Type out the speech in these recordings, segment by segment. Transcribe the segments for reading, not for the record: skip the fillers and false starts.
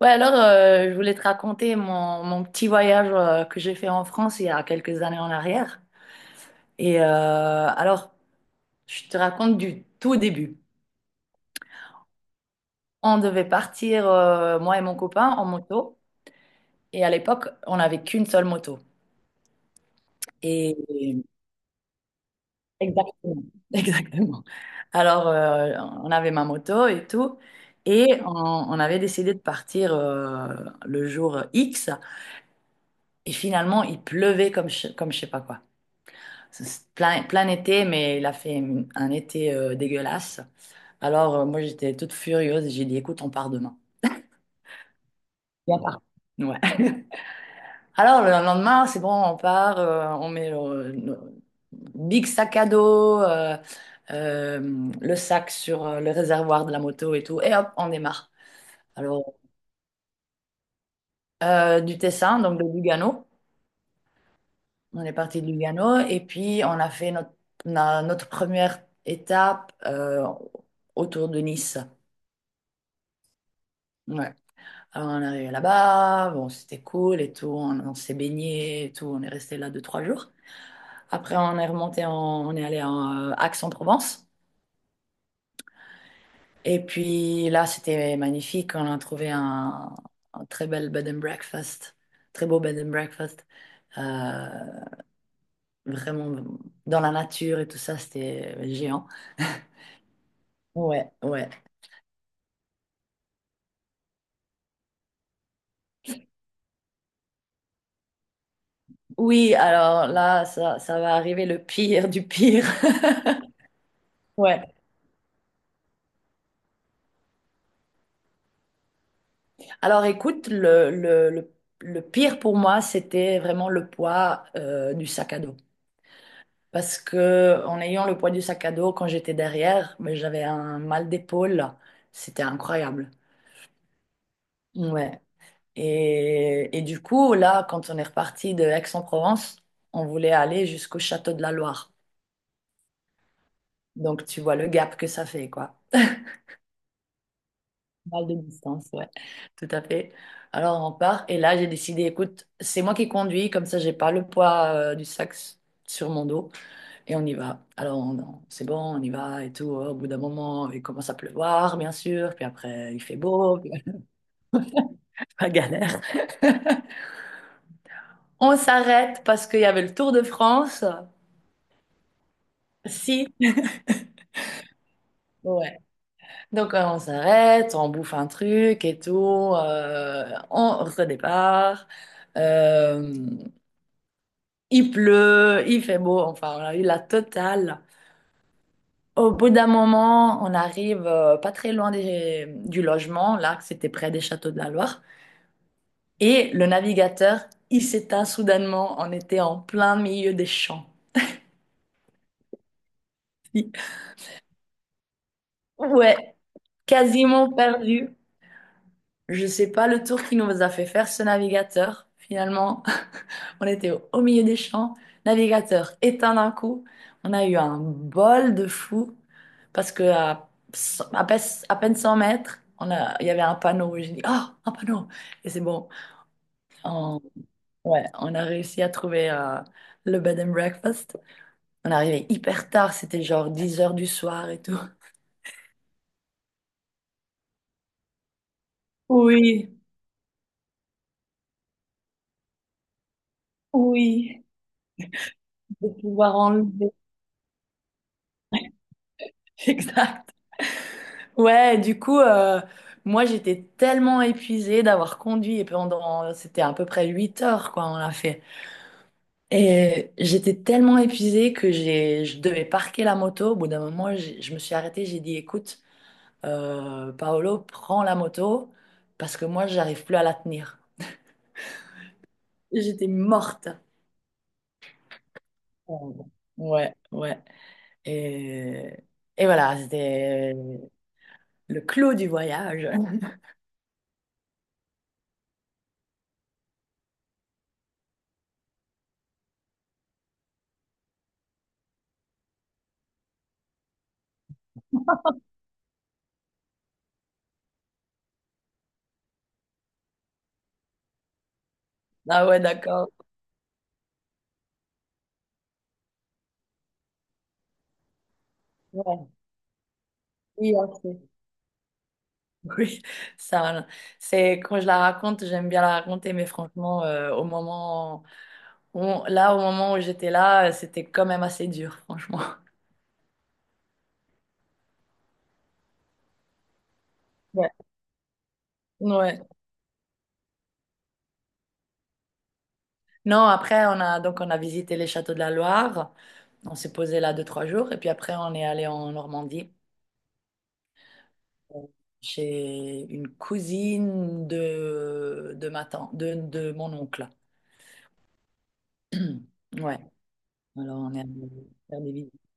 Ouais, alors, je voulais te raconter mon petit voyage, que j'ai fait en France il y a quelques années en arrière. Et alors, je te raconte du tout début. On devait partir, moi et mon copain, en moto. Et à l'époque, on n'avait qu'une seule moto. Et exactement, exactement. Alors, on avait ma moto et tout. Et on avait décidé de partir, le jour X. Et finalement, il pleuvait comme, comme je sais pas quoi. C'est plein été, mais il a fait un été, dégueulasse. Alors, moi, j'étais toute furieuse. J'ai dit, écoute, on part demain. Bien par- Ouais. Alors, le lendemain, c'est bon, on part, on met le big sac à dos, le sac sur, le réservoir de la moto et tout, et hop, on démarre. Alors, du Tessin, donc de Lugano, on est parti de Lugano, et puis on a fait notre première étape, autour de Nice. Ouais. Alors on est arrivé là-bas, bon c'était cool et tout, on s'est baigné et tout, on est resté là deux, trois jours. Après on est remonté, on est allé en, Aix-en-Provence. Et puis là c'était magnifique, on a trouvé un très bel bed and breakfast, très beau bed and breakfast, Euh, vraiment dans la nature et tout ça, c'était géant. Ouais, ouais. Oui, alors là ça, ça va arriver le pire du pire. Ouais. Alors écoute, le pire pour moi, c'était vraiment le poids, du sac à dos. Parce que en ayant le poids du sac à dos, quand j'étais derrière, mais j'avais un mal d'épaule. C'était incroyable. Ouais. Et du coup, là, quand on est reparti de Aix-en-Provence, on voulait aller jusqu'au château de la Loire. Donc tu vois le gap que ça fait, quoi. Mal de distance, ouais, tout à fait. Alors on part et là j'ai décidé, écoute, c'est moi qui conduis, comme ça j'ai pas le poids, du sac sur mon dos et on y va. Alors c'est bon, on y va et tout. Au bout d'un moment, il commence à pleuvoir, bien sûr, puis après il fait beau, puis la galère. On s'arrête parce qu'il y avait le Tour de France. Si. Ouais. Donc on s'arrête, on bouffe un truc et tout, on redépart. Euh, Il pleut, il fait beau, enfin, on a eu la totale. Au bout d'un moment, on arrive, pas très loin du logement, là, que c'était près des châteaux de la Loire. Et le navigateur, il s'éteint soudainement. On était en plein milieu des champs. Ouais, quasiment perdu. Je sais pas le tour qui nous a fait faire ce navigateur. Finalement, on était au milieu des champs, navigateur éteint d'un coup. On a eu un bol de fou parce que à, cent- à peine à peine 100 mètres, il y avait un panneau. J'ai dit, oh, un panneau! Et c'est bon. On, ouais, on a réussi à trouver, le bed and breakfast. On est arrivé hyper tard, c'était genre 10 heures du soir et tout. Oui, oui, de pouvoir enlever. Exact. Ouais, du coup, moi j'étais tellement épuisée d'avoir conduit et pendant, c'était à peu près 8 heures quoi, on l'a fait. Et j'étais tellement épuisée que je devais parquer la moto. Au bout d'un moment, je me suis arrêtée, j'ai dit, écoute, Paolo, prends la moto parce que moi j'arrive plus à la tenir. J'étais morte. Oh, ouais, ouais. Et, et voilà, c'était le clou du voyage. Ah ouais, d'accord. Ouais. Oui, ok. Oui, ça, c'est quand je la raconte, j'aime bien la raconter, mais franchement, au moment où j'étais là, c'était quand même assez dur, franchement. Ouais. Ouais. Non, après, on a visité les châteaux de la Loire, on s'est posé là deux, trois jours, et puis après, on est allé en Normandie, euh, chez une cousine de ma tante, de mon oncle. Ouais, alors on est allé faire des visites.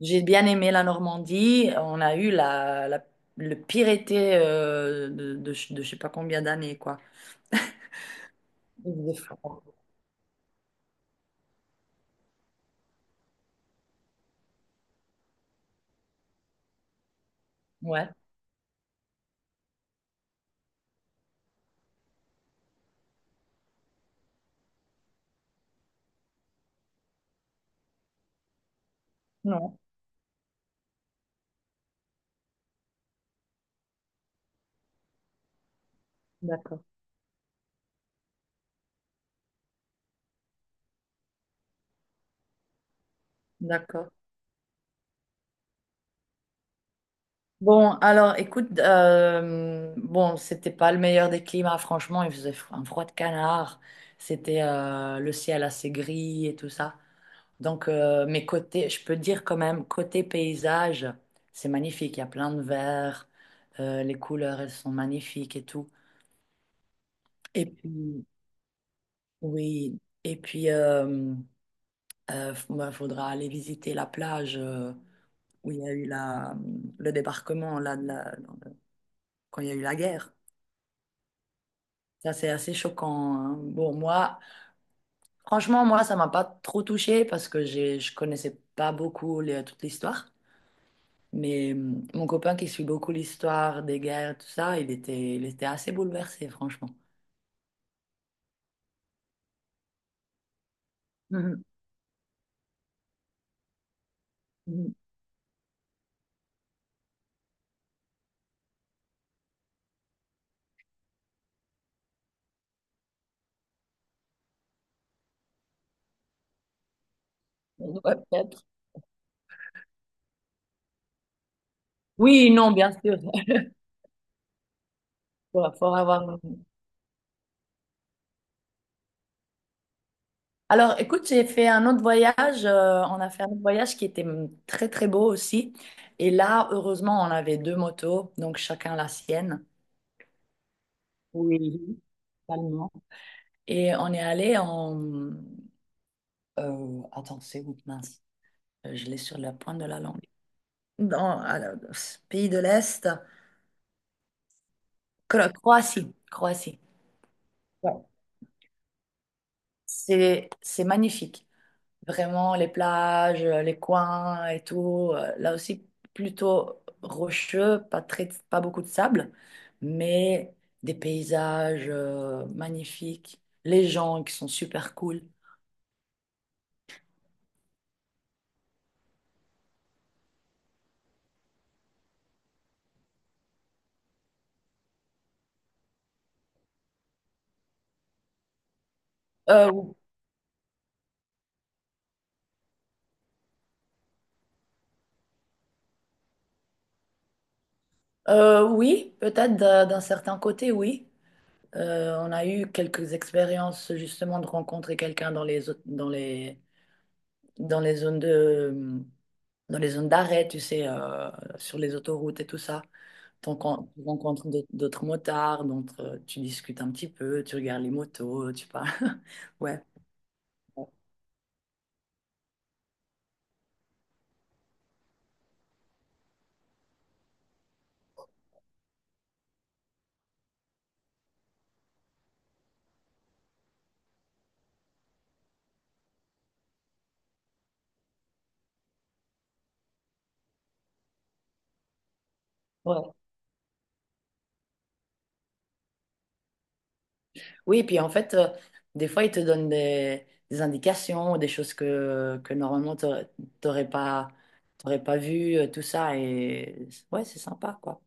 J'ai bien aimé la Normandie. On a eu le pire été, de je sais pas combien d'années, quoi. Il faisait froid. Ouais, non, d'accord, d'accord. Bon, alors écoute, bon, c'était pas le meilleur des climats, franchement, il faisait un froid de canard, c'était, le ciel assez gris et tout ça. Donc, mais côté, je peux dire quand même, côté paysage, c'est magnifique, il y a plein de verts, les couleurs, elles sont magnifiques et tout. Et puis, oui, et puis, bah, faudra aller visiter la plage, où il y a eu la, le débarquement là, quand il y a eu la guerre. Ça, c'est assez choquant, hein. Bon, moi, franchement, moi, ça m'a pas trop touchée parce que je connaissais pas beaucoup toute l'histoire. Mais mon copain qui suit beaucoup l'histoire des guerres, tout ça, il était assez bouleversé, franchement. Mhm. Mhm. Ouais, peut-être. Oui, non, bien sûr. Faut avoir. Alors, écoute, j'ai fait un autre voyage. On a fait un autre voyage qui était, très, très beau aussi. Et là, heureusement, on avait deux motos, donc chacun la sienne. Oui, totalement. Et on est allé en, attends, c'est où? Mince, je l'ai sur la pointe de la langue. Dans à la- Pays de l'Est, Croatie. Croatie. Ouais. C'est magnifique. Vraiment, les plages, les coins et tout. Là aussi, plutôt rocheux, pas beaucoup de sable, mais des paysages, magnifiques, les gens qui sont super cool. Euh, oui, peut-être d'un certain côté, oui. On a eu quelques expériences justement de rencontrer quelqu'un dans les zones de, dans les zones d'arrêt, tu sais, sur les autoroutes et tout ça. Tu rencontres d'autres motards, donc tu discutes un petit peu, tu regardes les motos, tu parles. Ouais. Ouais. Oui, puis en fait, des fois, ils te donnent des indications, des choses que normalement, tu n'aurais pas, t'aurais pas vu, tout ça. Et ouais, c'est sympa, quoi.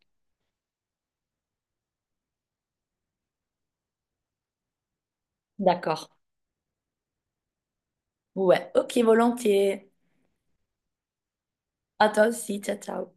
D'accord. Ouais, ok, volontiers. À toi aussi, ciao, ciao.